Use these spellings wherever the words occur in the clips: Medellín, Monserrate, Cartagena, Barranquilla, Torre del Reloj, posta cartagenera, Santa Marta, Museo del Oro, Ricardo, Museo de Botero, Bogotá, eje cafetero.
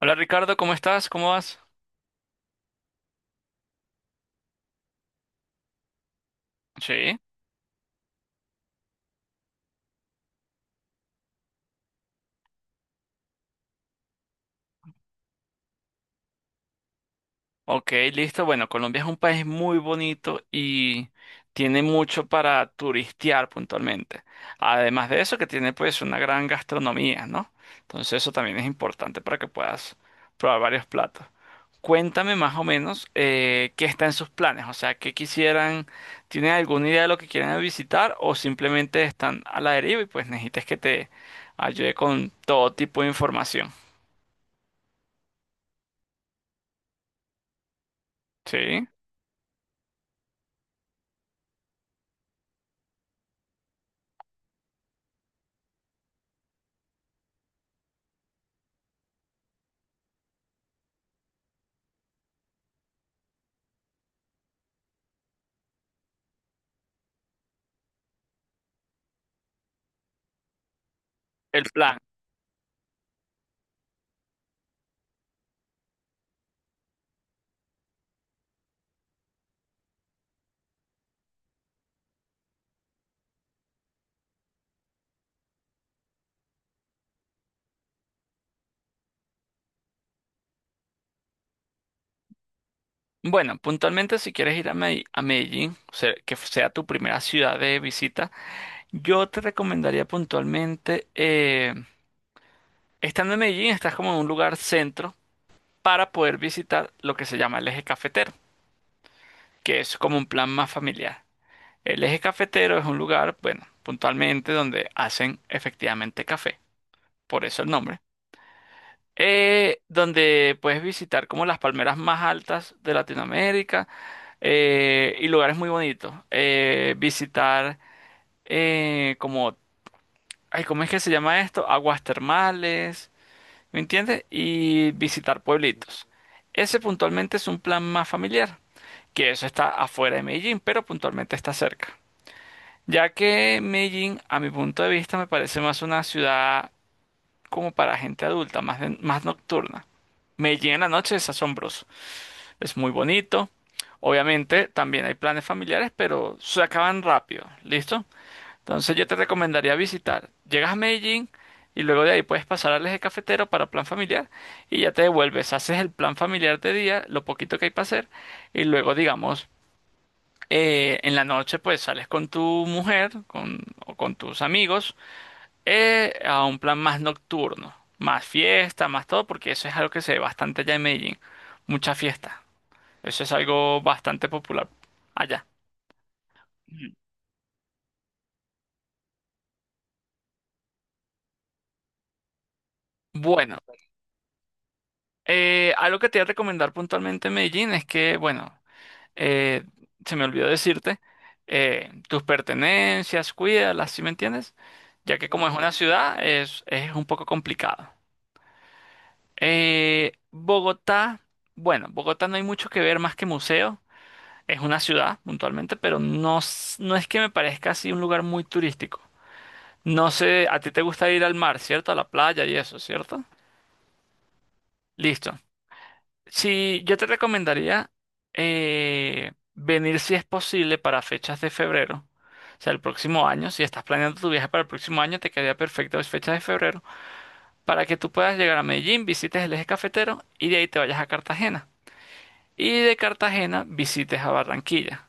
Hola Ricardo, ¿cómo estás? ¿Cómo vas? Sí. Ok, listo. Bueno, Colombia es un país muy bonito y tiene mucho para turistear puntualmente. Además de eso, que tiene pues una gran gastronomía, ¿no? Entonces eso también es importante para que puedas probar varios platos. Cuéntame más o menos qué está en sus planes, o sea, qué quisieran, ¿tienen alguna idea de lo que quieran visitar o simplemente están a la deriva y pues necesitas que te ayude con todo tipo de información? Sí. El plan. Bueno, puntualmente si quieres ir a a Medellín, o sea, que sea tu primera ciudad de visita, yo te recomendaría puntualmente, estando en Medellín, estás como en un lugar centro para poder visitar lo que se llama el eje cafetero, que es como un plan más familiar. El eje cafetero es un lugar, bueno, puntualmente donde hacen efectivamente café, por eso el nombre, donde puedes visitar como las palmeras más altas de Latinoamérica y lugares muy bonitos. Visitar eh, como, ay, ¿cómo es que se llama esto? Aguas termales, ¿me entiendes? Y visitar pueblitos. Ese puntualmente es un plan más familiar, que eso está afuera de Medellín, pero puntualmente está cerca. Ya que Medellín, a mi punto de vista, me parece más una ciudad como para gente adulta, más, más nocturna. Medellín en la noche es asombroso. Es muy bonito. Obviamente también hay planes familiares, pero se acaban rápido. ¿Listo? Entonces yo te recomendaría visitar. Llegas a Medellín y luego de ahí puedes pasar al eje cafetero para plan familiar y ya te devuelves. Haces el plan familiar de día, lo poquito que hay para hacer y luego digamos en la noche pues sales con tu mujer o con tus amigos a un plan más nocturno. Más fiesta, más todo, porque eso es algo que se ve bastante allá en Medellín. Mucha fiesta. Eso es algo bastante popular allá. Ujú. Bueno, algo que te voy a recomendar puntualmente en Medellín es que, bueno, eh, se me olvidó decirte, tus pertenencias, cuídalas, ¿sí me entiendes? Ya que como es una ciudad, es un poco complicado. Bogotá, bueno, Bogotá no hay mucho que ver más que museo. Es una ciudad, puntualmente, pero no, no es que me parezca así un lugar muy turístico. No sé, a ti te gusta ir al mar, ¿cierto? A la playa y eso, ¿cierto? Listo. Sí, yo te recomendaría venir si es posible para fechas de febrero. O sea, el próximo año, si estás planeando tu viaje para el próximo año, te quedaría perfecto las fechas de febrero para que tú puedas llegar a Medellín, visites el eje cafetero y de ahí te vayas a Cartagena. Y de Cartagena visites a Barranquilla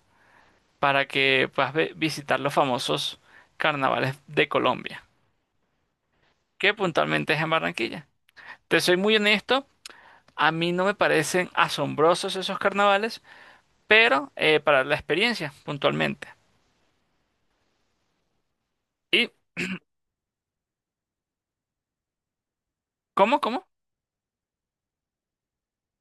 para que puedas visitar los famosos carnavales de Colombia, que puntualmente es en Barranquilla. Te soy muy honesto, a mí no me parecen asombrosos esos carnavales pero para la experiencia, puntualmente. ¿Y cómo, cómo?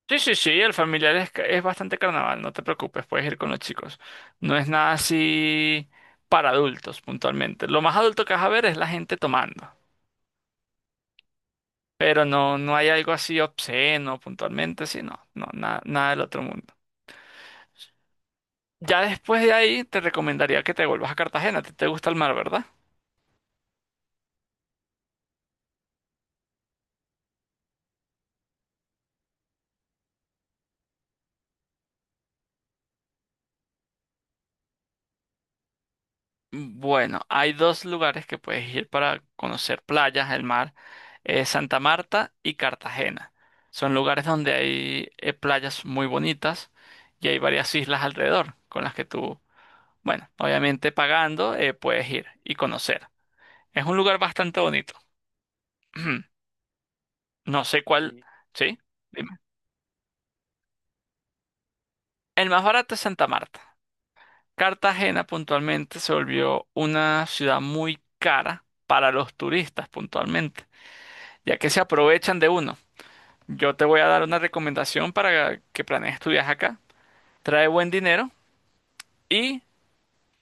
Sí, sí, sí, el familiar es bastante carnaval, no te preocupes, puedes ir con los chicos. No es nada así para adultos, puntualmente. Lo más adulto que vas a ver es la gente tomando, pero no, no hay algo así obsceno, puntualmente, sí, no, no, nada, nada del otro mundo. Ya después de ahí te recomendaría que te vuelvas a Cartagena, a ti te gusta el mar, ¿verdad? Bueno, hay dos lugares que puedes ir para conocer playas, el mar. Santa Marta y Cartagena. Son lugares donde hay playas muy bonitas y hay varias islas alrededor con las que tú, bueno, obviamente pagando, puedes ir y conocer. Es un lugar bastante bonito. No sé cuál, ¿sí? Dime. El más barato es Santa Marta. Cartagena puntualmente se volvió una ciudad muy cara para los turistas puntualmente, ya que se aprovechan de uno. Yo te voy a dar una recomendación para que planees tu viaje acá. Trae buen dinero y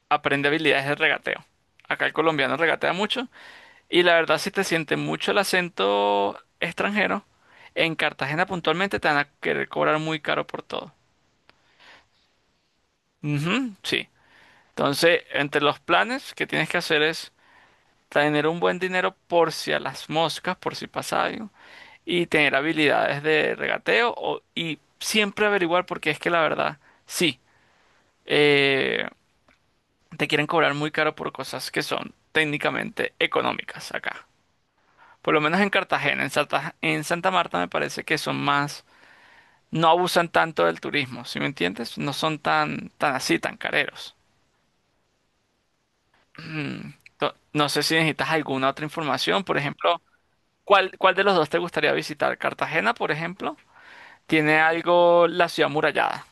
aprende habilidades de regateo. Acá el colombiano regatea mucho y la verdad si te siente mucho el acento extranjero, en Cartagena puntualmente te van a querer cobrar muy caro por todo. Ujú, sí. Entonces, entre los planes que tienes que hacer es tener un buen dinero por si a las moscas, por si pasa algo, y tener habilidades de regateo y siempre averiguar porque es que la verdad, sí. eh, Te quieren cobrar muy caro por cosas que son técnicamente económicas acá. Por lo menos en Cartagena, en Santa Marta me parece que son más, no abusan tanto del turismo, ¿sí me entiendes? No son tan así, tan careros. Mm, no sé si necesitas alguna otra información, por ejemplo, ¿cuál de los dos te gustaría visitar? Cartagena, por ejemplo, tiene algo la ciudad murallada,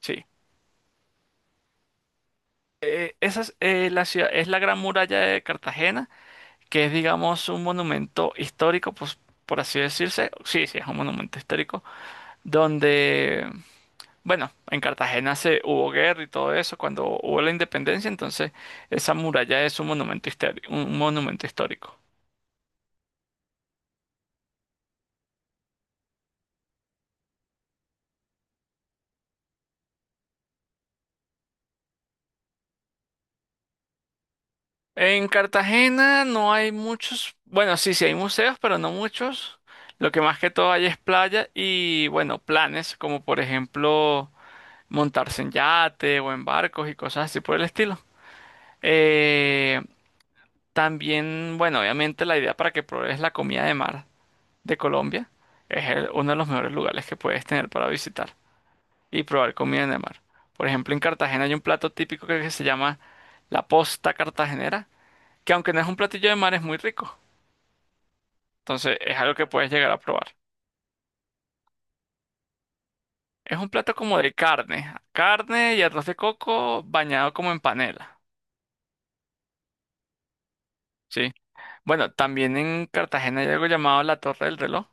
sí. Esa es, la ciudad, es la Gran Muralla de Cartagena, que es, digamos, un monumento histórico, pues, por así decirse. Sí, sí, es un monumento histórico, donde, bueno, en Cartagena se hubo guerra y todo eso cuando hubo la independencia, entonces esa muralla es un monumento histórico, un monumento histórico. En Cartagena no hay muchos, bueno, sí, sí hay museos, pero no muchos. Lo que más que todo hay es playa y, bueno, planes, como por ejemplo montarse en yate o en barcos y cosas así por el estilo. Eh, También, bueno, obviamente la idea para que pruebes la comida de mar de Colombia es uno de los mejores lugares que puedes tener para visitar y probar comida de mar. Por ejemplo, en Cartagena hay un plato típico que se llama la posta cartagenera, que aunque no es un platillo de mar es muy rico. Entonces es algo que puedes llegar a probar. Es un plato como de carne, carne y arroz de coco bañado como en panela, ¿sí? Bueno, también en Cartagena hay algo llamado la Torre del Reloj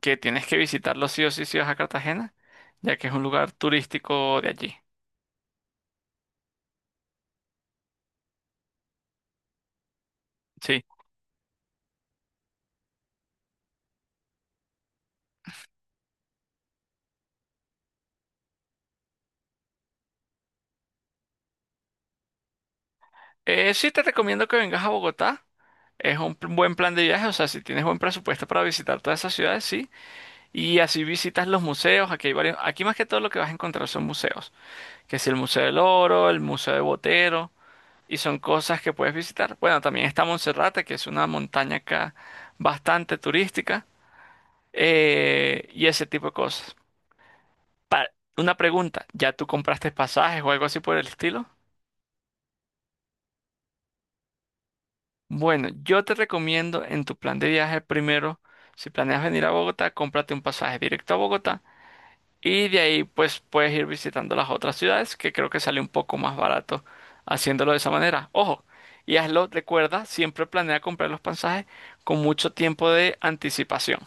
que tienes que visitarlo sí o sí si vas a Cartagena, ya que es un lugar turístico de allí. Sí. Sí te recomiendo que vengas a Bogotá. Es un buen plan de viaje, o sea, si tienes buen presupuesto para visitar todas esas ciudades, sí. Y así visitas los museos, aquí hay varios, aquí más que todo lo que vas a encontrar son museos, que si el Museo del Oro, el Museo de Botero, y son cosas que puedes visitar. Bueno, también está Monserrate, que es una montaña acá bastante turística, y ese tipo de cosas. Pa- una pregunta, ¿ya tú compraste pasajes o algo así por el estilo? Bueno, yo te recomiendo en tu plan de viaje primero, si planeas venir a Bogotá, cómprate un pasaje directo a Bogotá y de ahí pues puedes ir visitando las otras ciudades que creo que sale un poco más barato haciéndolo de esa manera. Ojo, y hazlo, recuerda, siempre planea comprar los pasajes con mucho tiempo de anticipación.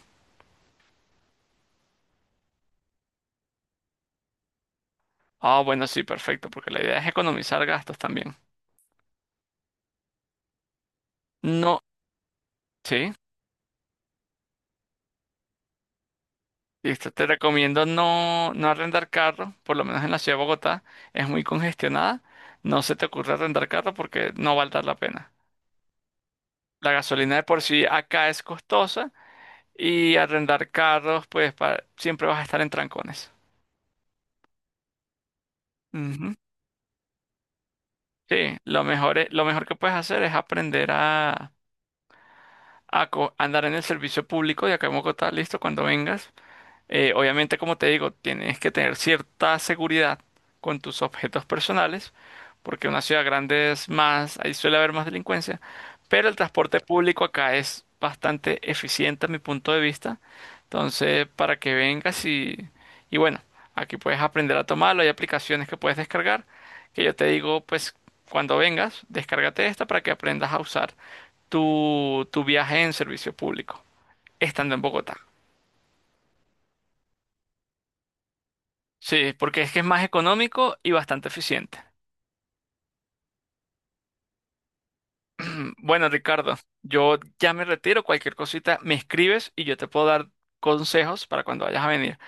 Ah, bueno, sí, perfecto, porque la idea es economizar gastos también. No, sí. Listo, te recomiendo no arrendar carro, por lo menos en la ciudad de Bogotá, es muy congestionada. No se te ocurra arrendar carro porque no valdrá la pena. La gasolina de por sí acá es costosa y arrendar carros, pues siempre vas a estar en trancones. Ujú. Sí, lo mejor que puedes hacer es aprender a, andar en el servicio público de acá en Bogotá, listo, cuando vengas. Obviamente, como te digo, tienes que tener cierta seguridad con tus objetos personales, porque en una ciudad grande es más, ahí suele haber más delincuencia, pero el transporte público acá es bastante eficiente a mi punto de vista. Entonces, para que vengas y bueno, aquí puedes aprender a tomarlo, hay aplicaciones que puedes descargar, que yo te digo, pues cuando vengas, descárgate esta para que aprendas a usar tu viaje en servicio público, estando en Bogotá. Sí, porque es que es más económico y bastante eficiente. Bueno, Ricardo, yo ya me retiro. Cualquier cosita me escribes y yo te puedo dar consejos para cuando vayas a venir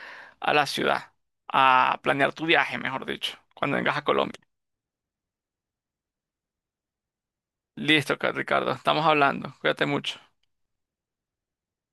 a la ciudad, a planear tu viaje, mejor dicho, cuando vengas a Colombia. Listo, Ricardo, estamos hablando. Cuídate mucho.